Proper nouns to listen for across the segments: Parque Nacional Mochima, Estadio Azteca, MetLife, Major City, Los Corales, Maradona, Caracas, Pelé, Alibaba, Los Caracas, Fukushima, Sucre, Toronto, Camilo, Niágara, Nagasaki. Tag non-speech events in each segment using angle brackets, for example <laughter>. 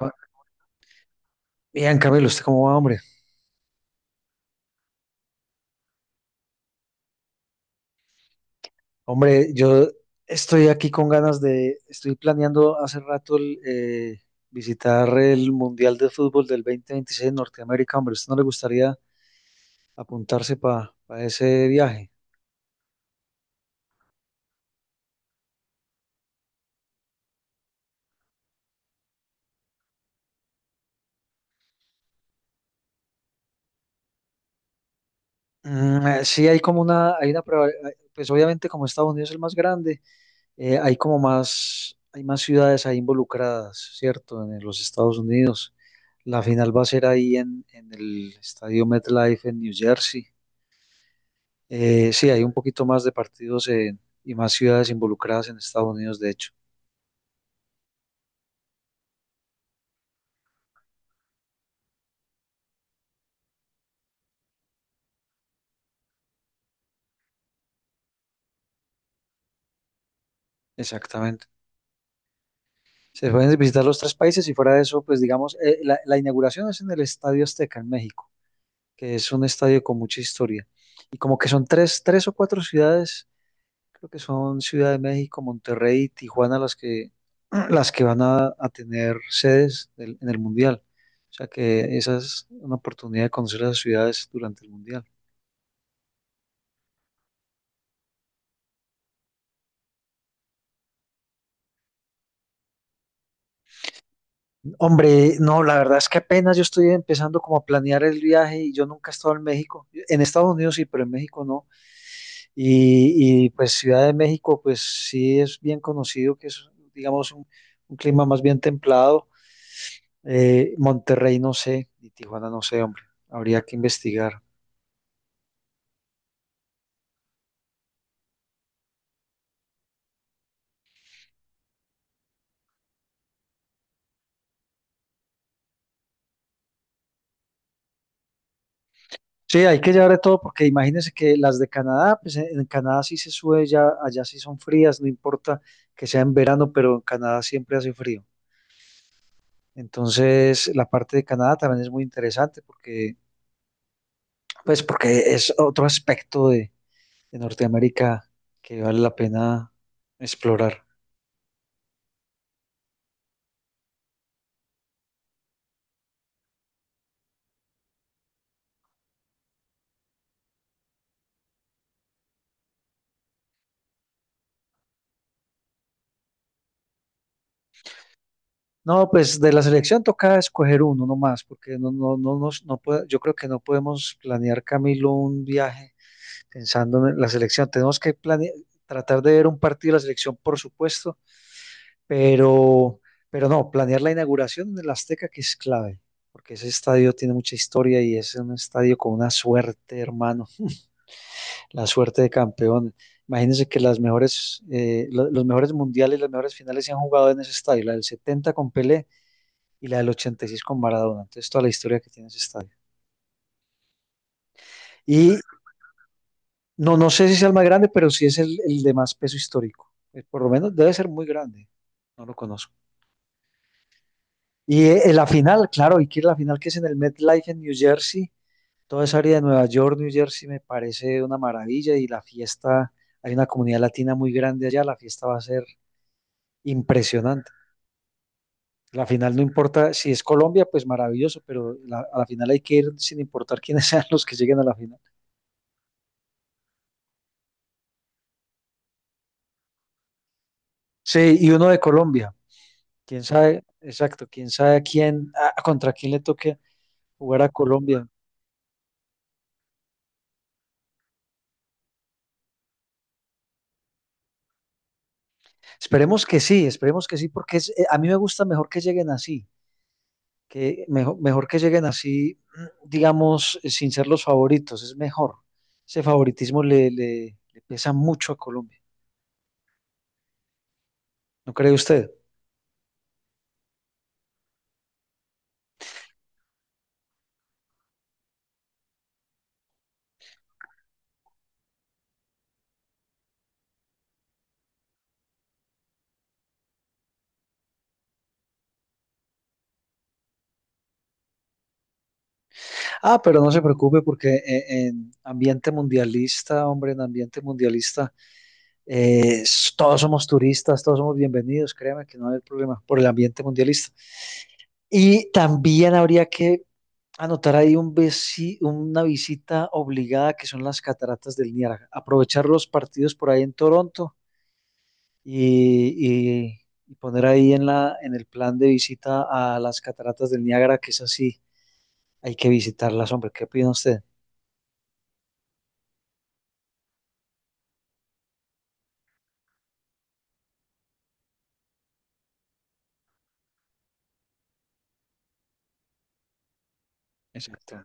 Ah, Bien, Camilo, ¿usted cómo va, hombre? Hombre, yo estoy aquí con ganas de, estoy planeando hace rato el, visitar el Mundial de Fútbol del 2026 en Norteamérica, hombre, ¿usted no le gustaría apuntarse para ese viaje? Sí, hay como una, hay una, pues obviamente como Estados Unidos es el más grande, hay como más, hay más ciudades ahí involucradas, ¿cierto? En los Estados Unidos. La final va a ser ahí en el estadio MetLife en New Jersey. Sí, hay un poquito más de partidos y más ciudades involucradas en Estados Unidos, de hecho. Exactamente. Se pueden visitar los tres países y fuera de eso, pues digamos, la, la inauguración es en el Estadio Azteca, en México, que es un estadio con mucha historia. Y como que son tres, tres o cuatro ciudades, creo que son Ciudad de México, Monterrey y Tijuana las que, <clears throat> las que van a tener sedes en el Mundial. O sea que esa es una oportunidad de conocer las ciudades durante el Mundial. Hombre, no, la verdad es que apenas yo estoy empezando como a planear el viaje y yo nunca he estado en México. En Estados Unidos sí, pero en México no. Pues Ciudad de México, pues sí es bien conocido que es, digamos, un clima más bien templado. Monterrey no sé, y Tijuana no sé, hombre. Habría que investigar. Sí, hay que llevar de todo porque imagínense que las de Canadá, pues en Canadá sí se sube, ya, allá sí son frías, no importa que sea en verano, pero en Canadá siempre hace frío. Entonces, la parte de Canadá también es muy interesante porque, pues, porque es otro aspecto de Norteamérica que vale la pena explorar. No, pues de la selección toca escoger uno nomás, porque no, no, no, yo creo que no podemos planear, Camilo, un viaje pensando en la selección. Tenemos que tratar de ver un partido de la selección, por supuesto, Pero, pero no, planear la inauguración en el Azteca que es clave, porque ese estadio tiene mucha historia y es un estadio con una suerte, hermano, la suerte de campeón. Imagínense que las mejores, los mejores mundiales, las mejores finales se han jugado en ese estadio, la del 70 con Pelé y la del 86 con Maradona. Entonces, toda la historia que tiene ese estadio. Y no, no sé si sea el más grande, pero sí es el de más peso histórico. Por lo menos debe ser muy grande. No lo conozco. Y la final, claro, y que la final que es en el MetLife en New Jersey, toda esa área de Nueva York, New Jersey me parece una maravilla y la fiesta, hay una comunidad latina muy grande allá, la fiesta va a ser impresionante. La final no importa, si es Colombia, pues maravilloso, pero a la final hay que ir sin importar quiénes <laughs> sean los que lleguen a la final. Sí, y uno de Colombia, quién sabe, exacto, quién sabe a quién, contra quién le toque jugar a Colombia. Esperemos que sí, porque a mí me gusta mejor que lleguen así que mejor, mejor que lleguen así, mm, digamos, sin ser los favoritos, es mejor. Ese favoritismo le pesa mucho a Colombia, ¿no cree usted? Ah, pero no se preocupe porque en ambiente mundialista, hombre, en ambiente mundialista, todos somos turistas, todos somos bienvenidos, créame que no hay problema por el ambiente mundialista. Y también habría que anotar ahí un una visita obligada que son las cataratas del Niágara. Aprovechar los partidos por ahí en Toronto y poner ahí en la, en el plan de visita a las cataratas del Niágara, que es así, hay que visitarlas, hombre, ¿qué opina usted? Exacto.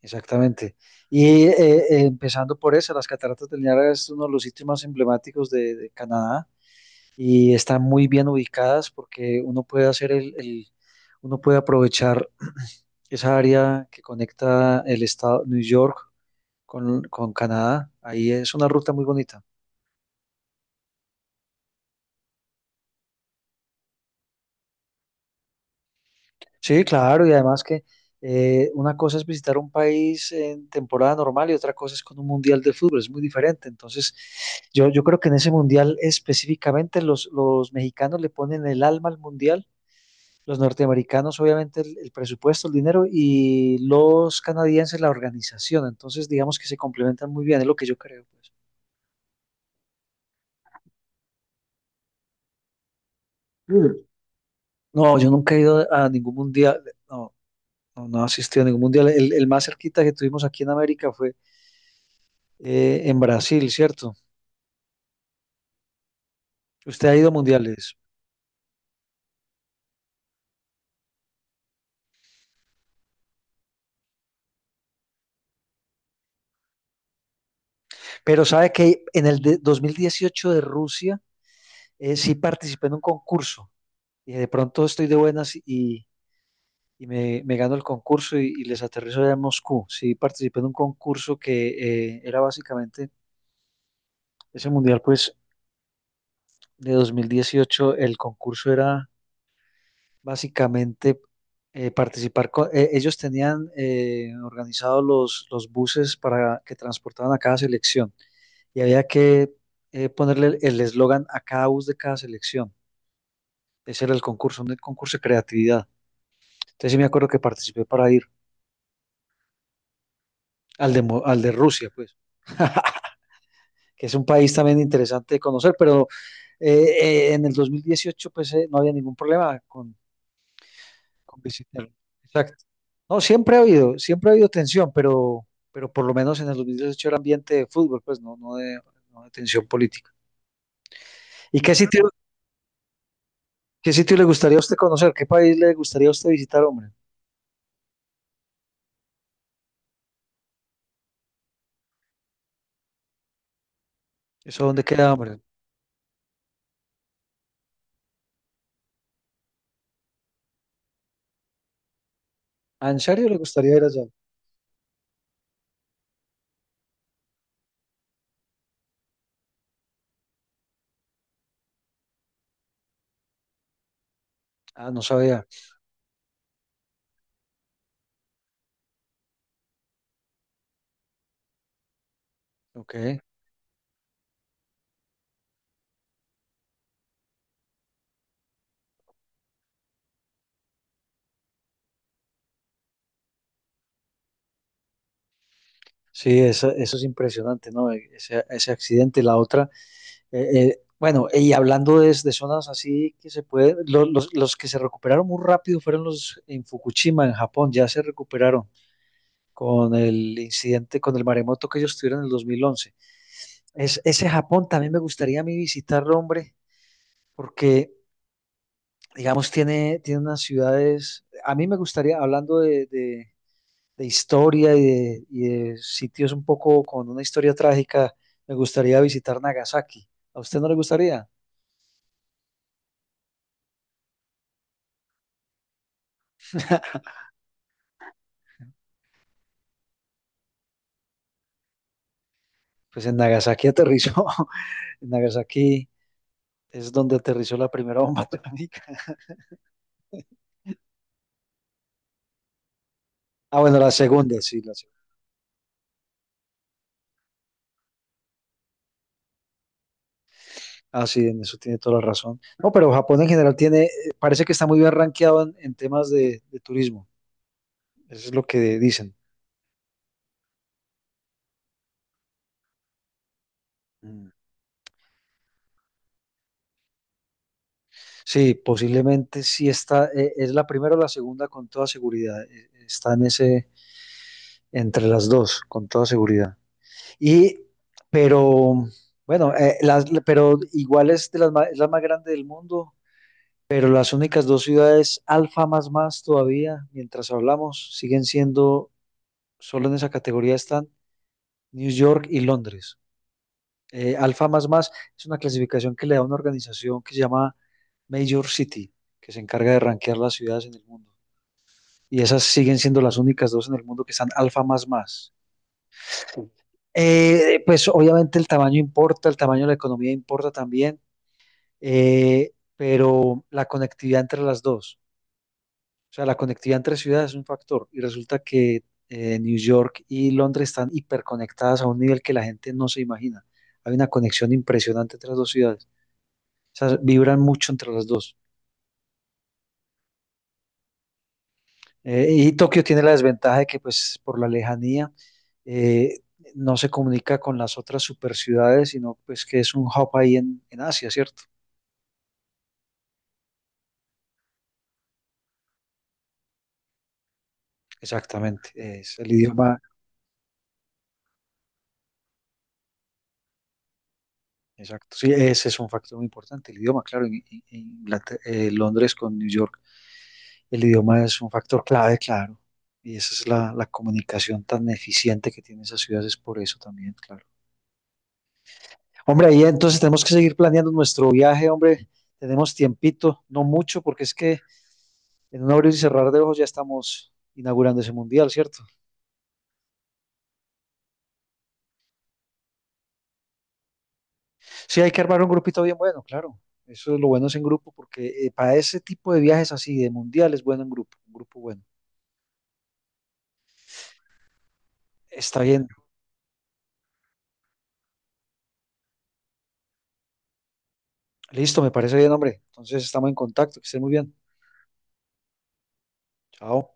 Exactamente. Y empezando por eso, las cataratas del Niágara es uno de los sitios más emblemáticos de Canadá y están muy bien ubicadas porque uno puede hacer uno puede aprovechar esa área que conecta el estado New York con Canadá. Ahí es una ruta muy bonita. Sí, claro, y además que una cosa es visitar un país en temporada normal y otra cosa es con un mundial de fútbol, es muy diferente. Entonces, yo creo que en ese mundial específicamente los mexicanos le ponen el alma al mundial, los norteamericanos obviamente el presupuesto, el dinero y los canadienses la organización. Entonces, digamos que se complementan muy bien, es lo que yo creo, pues. Mm. No, yo nunca he ido a ningún mundial, no, no, no he asistido a ningún mundial. El más cerquita que tuvimos aquí en América fue en Brasil, ¿cierto? Usted ha ido a mundiales, pero sabe que en el de 2018 de Rusia sí participé en un concurso y de pronto estoy de buenas y me gano el concurso y les aterrizo allá en Moscú. Sí participé en un concurso que era básicamente, ese mundial pues de 2018, el concurso era básicamente participar con, ellos tenían organizado los buses para que transportaban a cada selección. Y había que ponerle el eslogan a cada bus de cada selección. Ese era el concurso, un concurso de creatividad. Entonces sí me acuerdo que participé para ir al de, al de Rusia, pues, que es un país también interesante de conocer, pero en el 2018 pues no había ningún problema con visitarlo. Exacto. No, siempre ha habido tensión, pero por lo menos en el 2018 era ambiente de fútbol, pues no, no de, no de tensión política. ¿Y qué sitio le gustaría a usted conocer? ¿Qué país le gustaría a usted visitar, hombre? ¿Eso dónde queda, hombre? Ah, ¿en serio le gustaría ir allá? Ah, no sabía. Ok. Sí, eso es impresionante, ¿no? E, ese accidente. La otra, bueno, y hablando de zonas así que se puede, los que se recuperaron muy rápido fueron los en Fukushima, en Japón, ya se recuperaron con el incidente, con el maremoto que ellos tuvieron en el 2011. Es, ese Japón también me gustaría a mí visitarlo, hombre, porque, digamos, tiene, tiene unas ciudades, a mí me gustaría, hablando de historia y de sitios un poco con una historia trágica, me gustaría visitar Nagasaki. ¿A usted no le gustaría? <laughs> Pues en Nagasaki aterrizó. <laughs> En Nagasaki es donde aterrizó la primera bomba <laughs> atómica. Ah, bueno, la segunda, sí, la segunda. Ah, sí, en eso tiene toda la razón. No, pero Japón en general tiene, parece que está muy bien rankeado en temas de turismo. Eso es lo que dicen. Mm. Sí, posiblemente sí está, es la primera o la segunda con toda seguridad. Está en ese, entre las dos, con toda seguridad. Y, pero, bueno, las, pero igual es, de las, ma- es la más grande del mundo, pero las únicas dos ciudades alfa más más todavía, mientras hablamos, siguen siendo, solo en esa categoría están New York y Londres. Alfa más más es una clasificación que le da una organización que se llama Major City, que se encarga de rankear las ciudades en el mundo. Y esas siguen siendo las únicas dos en el mundo que están alfa más más. Pues obviamente el tamaño importa, el tamaño de la economía importa también, eh, pero la conectividad entre las dos, o sea, la conectividad entre ciudades es un factor y resulta que New York y Londres están hiperconectadas a un nivel que la gente no se imagina. Hay una conexión impresionante entre las dos ciudades, o sea, vibran mucho entre las dos. Y Tokio tiene la desventaja de que pues por la lejanía eh, no se comunica con las otras super ciudades, sino pues que es un hub ahí en Asia, ¿cierto? Exactamente, es el idioma, exacto. Sí, ese es un factor muy importante, el idioma, claro, en Londres con New York, el idioma es un factor clave, claro, y esa es la, la comunicación tan eficiente que tienen esas ciudades, es por eso también, claro. Hombre, ahí entonces tenemos que seguir planeando nuestro viaje, hombre, tenemos tiempito, no mucho, porque es que en un abrir y cerrar de ojos ya estamos inaugurando ese mundial, ¿cierto? Sí, hay que armar un grupito bien bueno, claro. Eso es lo bueno es en grupo, porque para ese tipo de viajes así, de mundial, es bueno en grupo, un grupo bueno. Está bien, listo, me parece bien, hombre. Entonces estamos en contacto, que estén muy bien. Chao.